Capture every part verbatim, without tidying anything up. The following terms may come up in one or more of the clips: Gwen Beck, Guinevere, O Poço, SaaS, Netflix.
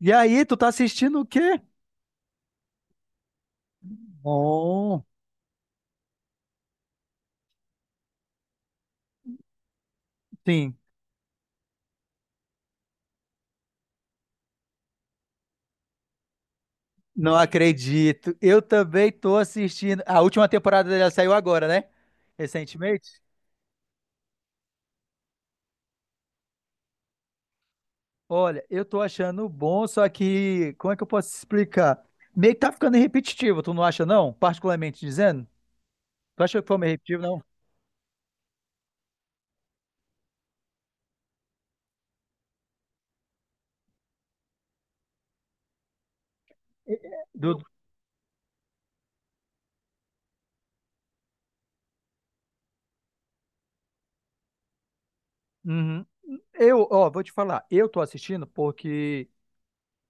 E aí, tu tá assistindo o quê? Bom, sim, não acredito. Eu também tô assistindo. A última temporada dela saiu agora, né? Recentemente. Olha, eu tô achando bom, só que como é que eu posso explicar? Meio que tá ficando repetitivo, tu não acha, não? Particularmente dizendo? Tu acha que foi meio repetitivo, não? Do... Uhum. Eu, ó, vou te falar. Eu tô assistindo porque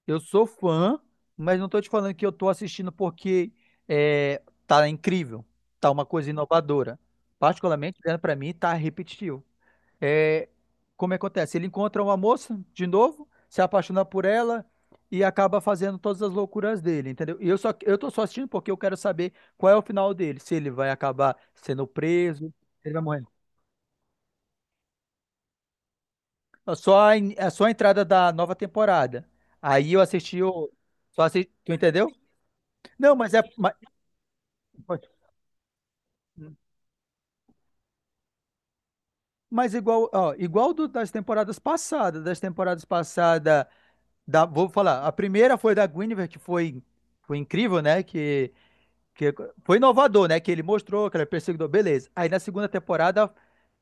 eu sou fã, mas não tô te falando que eu tô assistindo porque é, tá incrível, tá uma coisa inovadora. Particularmente, olhando pra mim, tá repetitivo. É, como é que acontece? Ele encontra uma moça de novo, se apaixona por ela e acaba fazendo todas as loucuras dele, entendeu? E eu só eu tô só assistindo porque eu quero saber qual é o final dele, se ele vai acabar sendo preso, se ele vai morrer. É só a, in- é só a entrada da nova temporada. Aí eu assisti o só assisti, tu entendeu? Não, mas é, ótimo. Mas igual, ó, igual do- das temporadas passadas, das temporadas passadas, da- vou falar, a primeira foi da Guinevere, que foi, foi incrível, né? Que, que foi inovador, né? Que ele mostrou que ele é perseguidor, beleza. Aí na segunda temporada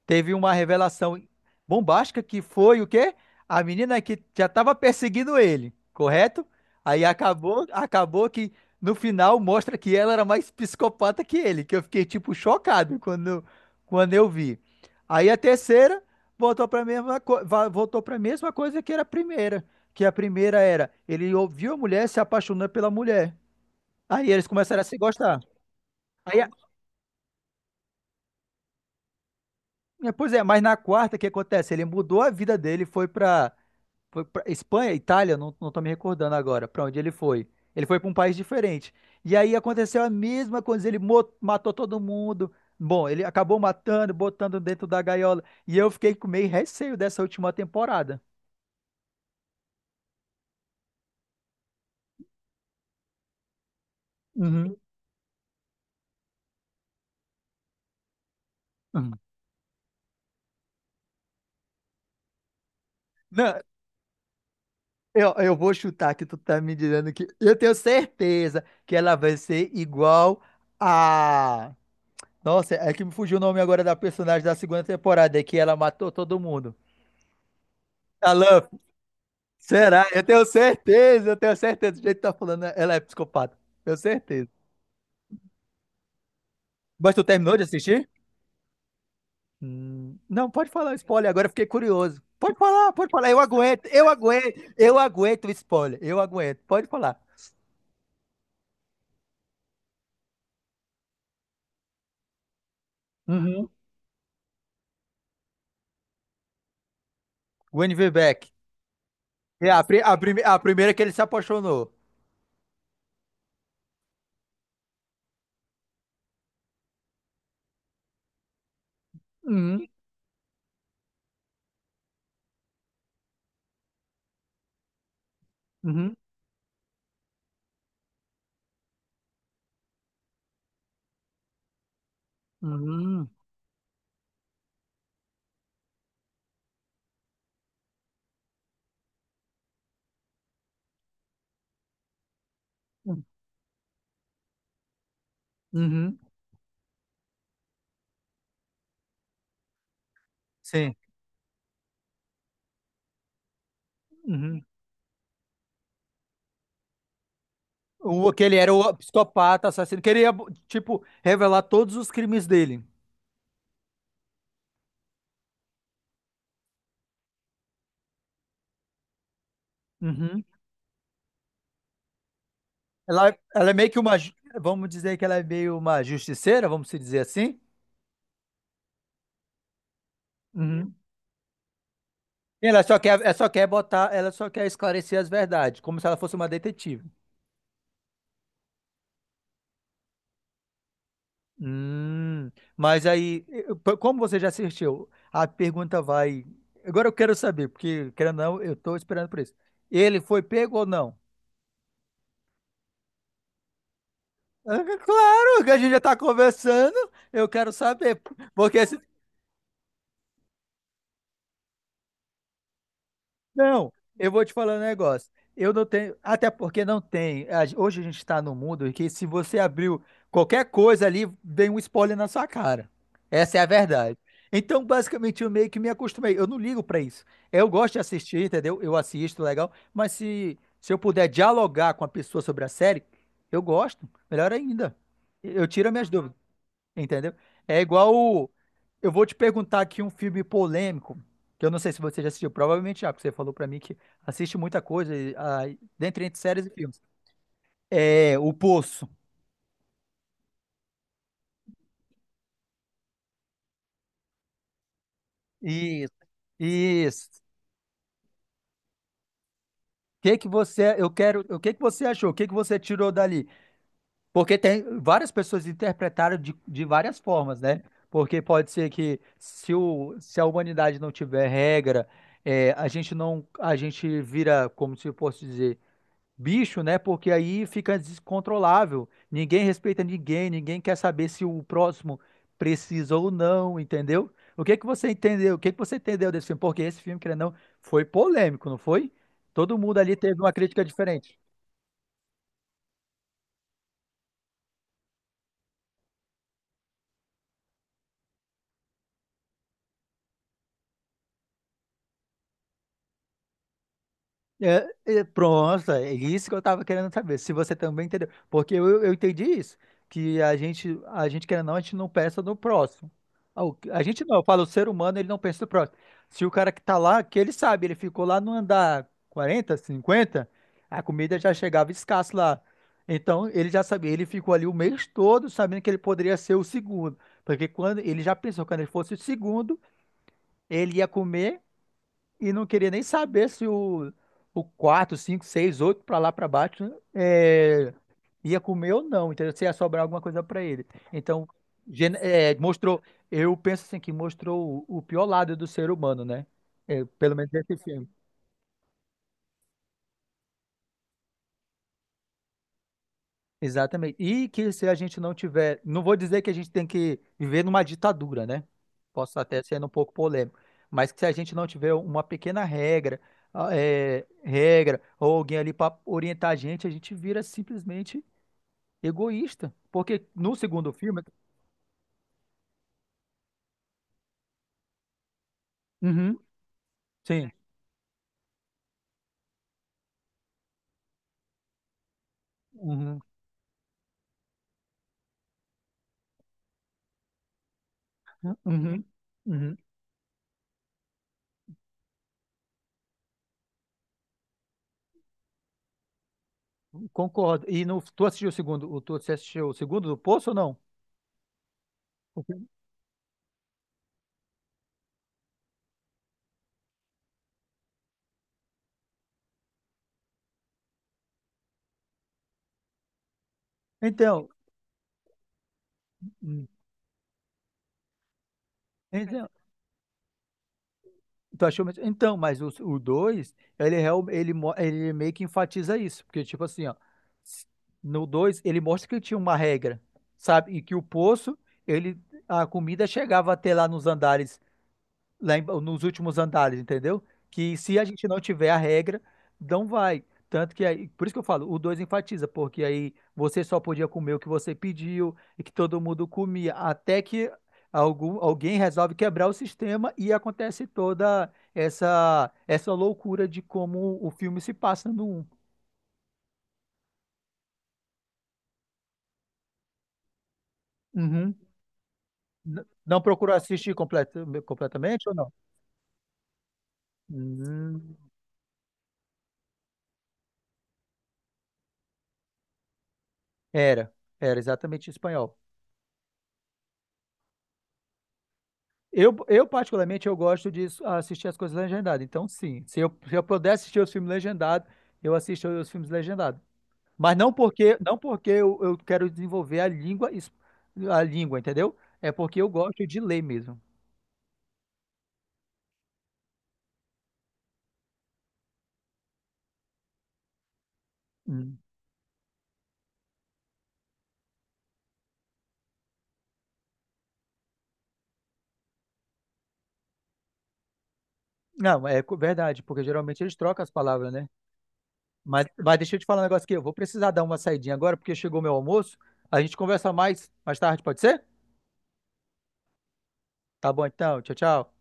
teve uma revelação bombástica que foi o quê? A menina que já estava perseguindo ele, correto? Aí acabou, acabou que no final mostra que ela era mais psicopata que ele, que eu fiquei tipo chocado quando, quando eu vi. Aí a terceira voltou para a mesma, co- va- voltou para mesma coisa que era a primeira, que a primeira era ele ouviu a mulher se apaixonando pela mulher. Aí eles começaram a se gostar. Aí, a- é, pois é, mas na quarta o que acontece? Ele mudou a vida dele, foi para foi pra Espanha, Itália, não, não tô me recordando agora pra onde ele foi. Ele foi pra um país diferente. E aí aconteceu a mesma coisa, ele mo- matou todo mundo. Bom, ele acabou matando, botando dentro da gaiola. E eu fiquei com meio receio dessa última temporada. Uhum. Uhum. Não, eu, eu vou chutar que tu tá me dizendo que. Eu tenho certeza que ela vai ser igual a. Nossa, é que me fugiu o nome agora da personagem da segunda temporada, é que ela matou todo mundo. A Luffy. Será? Eu tenho certeza, eu tenho certeza. Do jeito que tá falando, né? Ela é psicopata. Tenho certeza. Mas tu terminou de assistir? Hum, não, pode falar spoiler, agora eu fiquei curioso. Pode falar, pode falar. Eu aguento, eu aguento, eu aguento o spoiler. Eu aguento, pode falar. Uhum. Gwen Beck. É a, pri- a, prime- a primeira que ele se apaixonou. Uhum, uhum, uhum, uhum, sim. Uhum. O, que ele era o psicopata, assassino. Queria, tipo, revelar todos os crimes dele. Uhum. Ela, ela é meio que uma. ju- Vamos dizer que ela é meio uma justiceira, vamos se dizer assim. Uhum. Ela só quer, ela só quer botar, ela só quer esclarecer as verdades, como se ela fosse uma detetive. Hum, mas aí, eu- p- como você já assistiu, a pergunta vai. Agora eu quero saber, porque, querendo ou não, eu tô esperando por isso. Ele foi pego ou não? Ah, claro, que a gente já tá conversando, eu quero saber. Porque se não, eu vou te falar um negócio. Eu não tenho, até porque não tem. A- Hoje a gente está no mundo em que se você abriu qualquer coisa ali, vem um spoiler na sua cara. Essa é a verdade. Então, basicamente, eu meio que me acostumei. Eu não ligo para isso. Eu gosto de assistir, entendeu? Eu assisto, legal. Mas se, se eu puder dialogar com a pessoa sobre a série, eu gosto. Melhor ainda. Eu tiro as minhas dúvidas. Entendeu? É igual o... Eu vou te perguntar aqui um filme polêmico, que eu não sei se você já assistiu, provavelmente já, porque você falou pra mim que assiste muita coisa, e, ah, dentre entre séries e filmes. É, O Poço. Isso. Isso. O que que você, eu quero, o que que você achou? O que que você tirou dali? Porque tem várias pessoas interpretaram de, de várias formas, né? Porque pode ser que se, o, se a humanidade não tiver regra, é, a gente não, a gente vira, como se eu fosse dizer bicho, né? Porque aí fica descontrolável. Ninguém respeita ninguém, ninguém quer saber se o próximo precisa ou não, entendeu? O que que você entendeu? O que que você entendeu desse filme? Porque esse filme, querendo ou não, foi polêmico, não foi? Todo mundo ali teve uma crítica diferente. É, é, pronto, é isso que eu tava querendo saber, se você também entendeu. Porque eu, eu entendi isso, que a gente, a gente querendo ou não, a gente não pensa no próximo. Ah, o- a gente não, eu falo, o ser humano, ele não pensa no próximo. Se o cara que tá lá, que ele sabe, ele ficou lá no andar quarenta, cinquenta, a comida já chegava escassa lá. Então, ele já sabia, ele ficou ali o mês todo sabendo que ele poderia ser o segundo. Porque quando ele já pensou, quando ele fosse o segundo, ele ia comer e não queria nem saber se o, o quatro, cinco, seis, oito para lá para baixo é, ia comer ou não, entendeu? Se ia sobrar alguma coisa para ele. Então, gen- é, mostrou, eu penso assim, que mostrou o, o pior lado do ser humano, né? É, pelo menos esse filme. Exatamente. E que se a gente não tiver, não vou dizer que a gente tem que viver numa ditadura, né? Posso até ser um pouco polêmico, mas que se a gente não tiver uma pequena regra, ah, é, regra ou alguém ali para orientar a gente, a gente vira simplesmente egoísta. Porque no segundo filme, uhum, sim, uhum, uhum, uhum, concordo. E no, tu assistiu o segundo, o- tu você assistiu o segundo do Poço ou não? O- filme? Então, hum, então, tu achou mesmo? Então, mas o, o dois, ele, real- ele, mo- ele meio que enfatiza isso. Porque, tipo assim, ó, s- no dois ele mostra que tinha uma regra, sabe? E que o poço, ele, a comida chegava até lá nos andares lá em- nos últimos andares, entendeu? Que se a gente não tiver a regra, não vai. Tanto que aí, por isso que eu falo, o dois enfatiza, porque aí você só podia comer o que você pediu e que todo mundo comia, até que algum, alguém resolve quebrar o sistema e acontece toda essa essa loucura de como o filme se passa no um. Uhum. N- Não procurou assistir completa- completamente ou não? Hum, era, era exatamente em espanhol. Eu, eu, particularmente, eu gosto de assistir as coisas legendadas. Então, sim, se eu, se eu puder assistir os filmes legendados, eu assisto os filmes legendados. Mas não porque, não porque eu, eu quero desenvolver a língua, es- a língua, entendeu? É porque eu gosto de ler mesmo. Hum. Não, é co- verdade, porque geralmente eles trocam as palavras, né? Mas, mas deixa eu te falar um negócio aqui. Eu vou precisar dar uma saidinha agora, porque chegou meu almoço. A gente conversa mais mais tarde, pode ser? Tá bom, então. Tchau, tchau.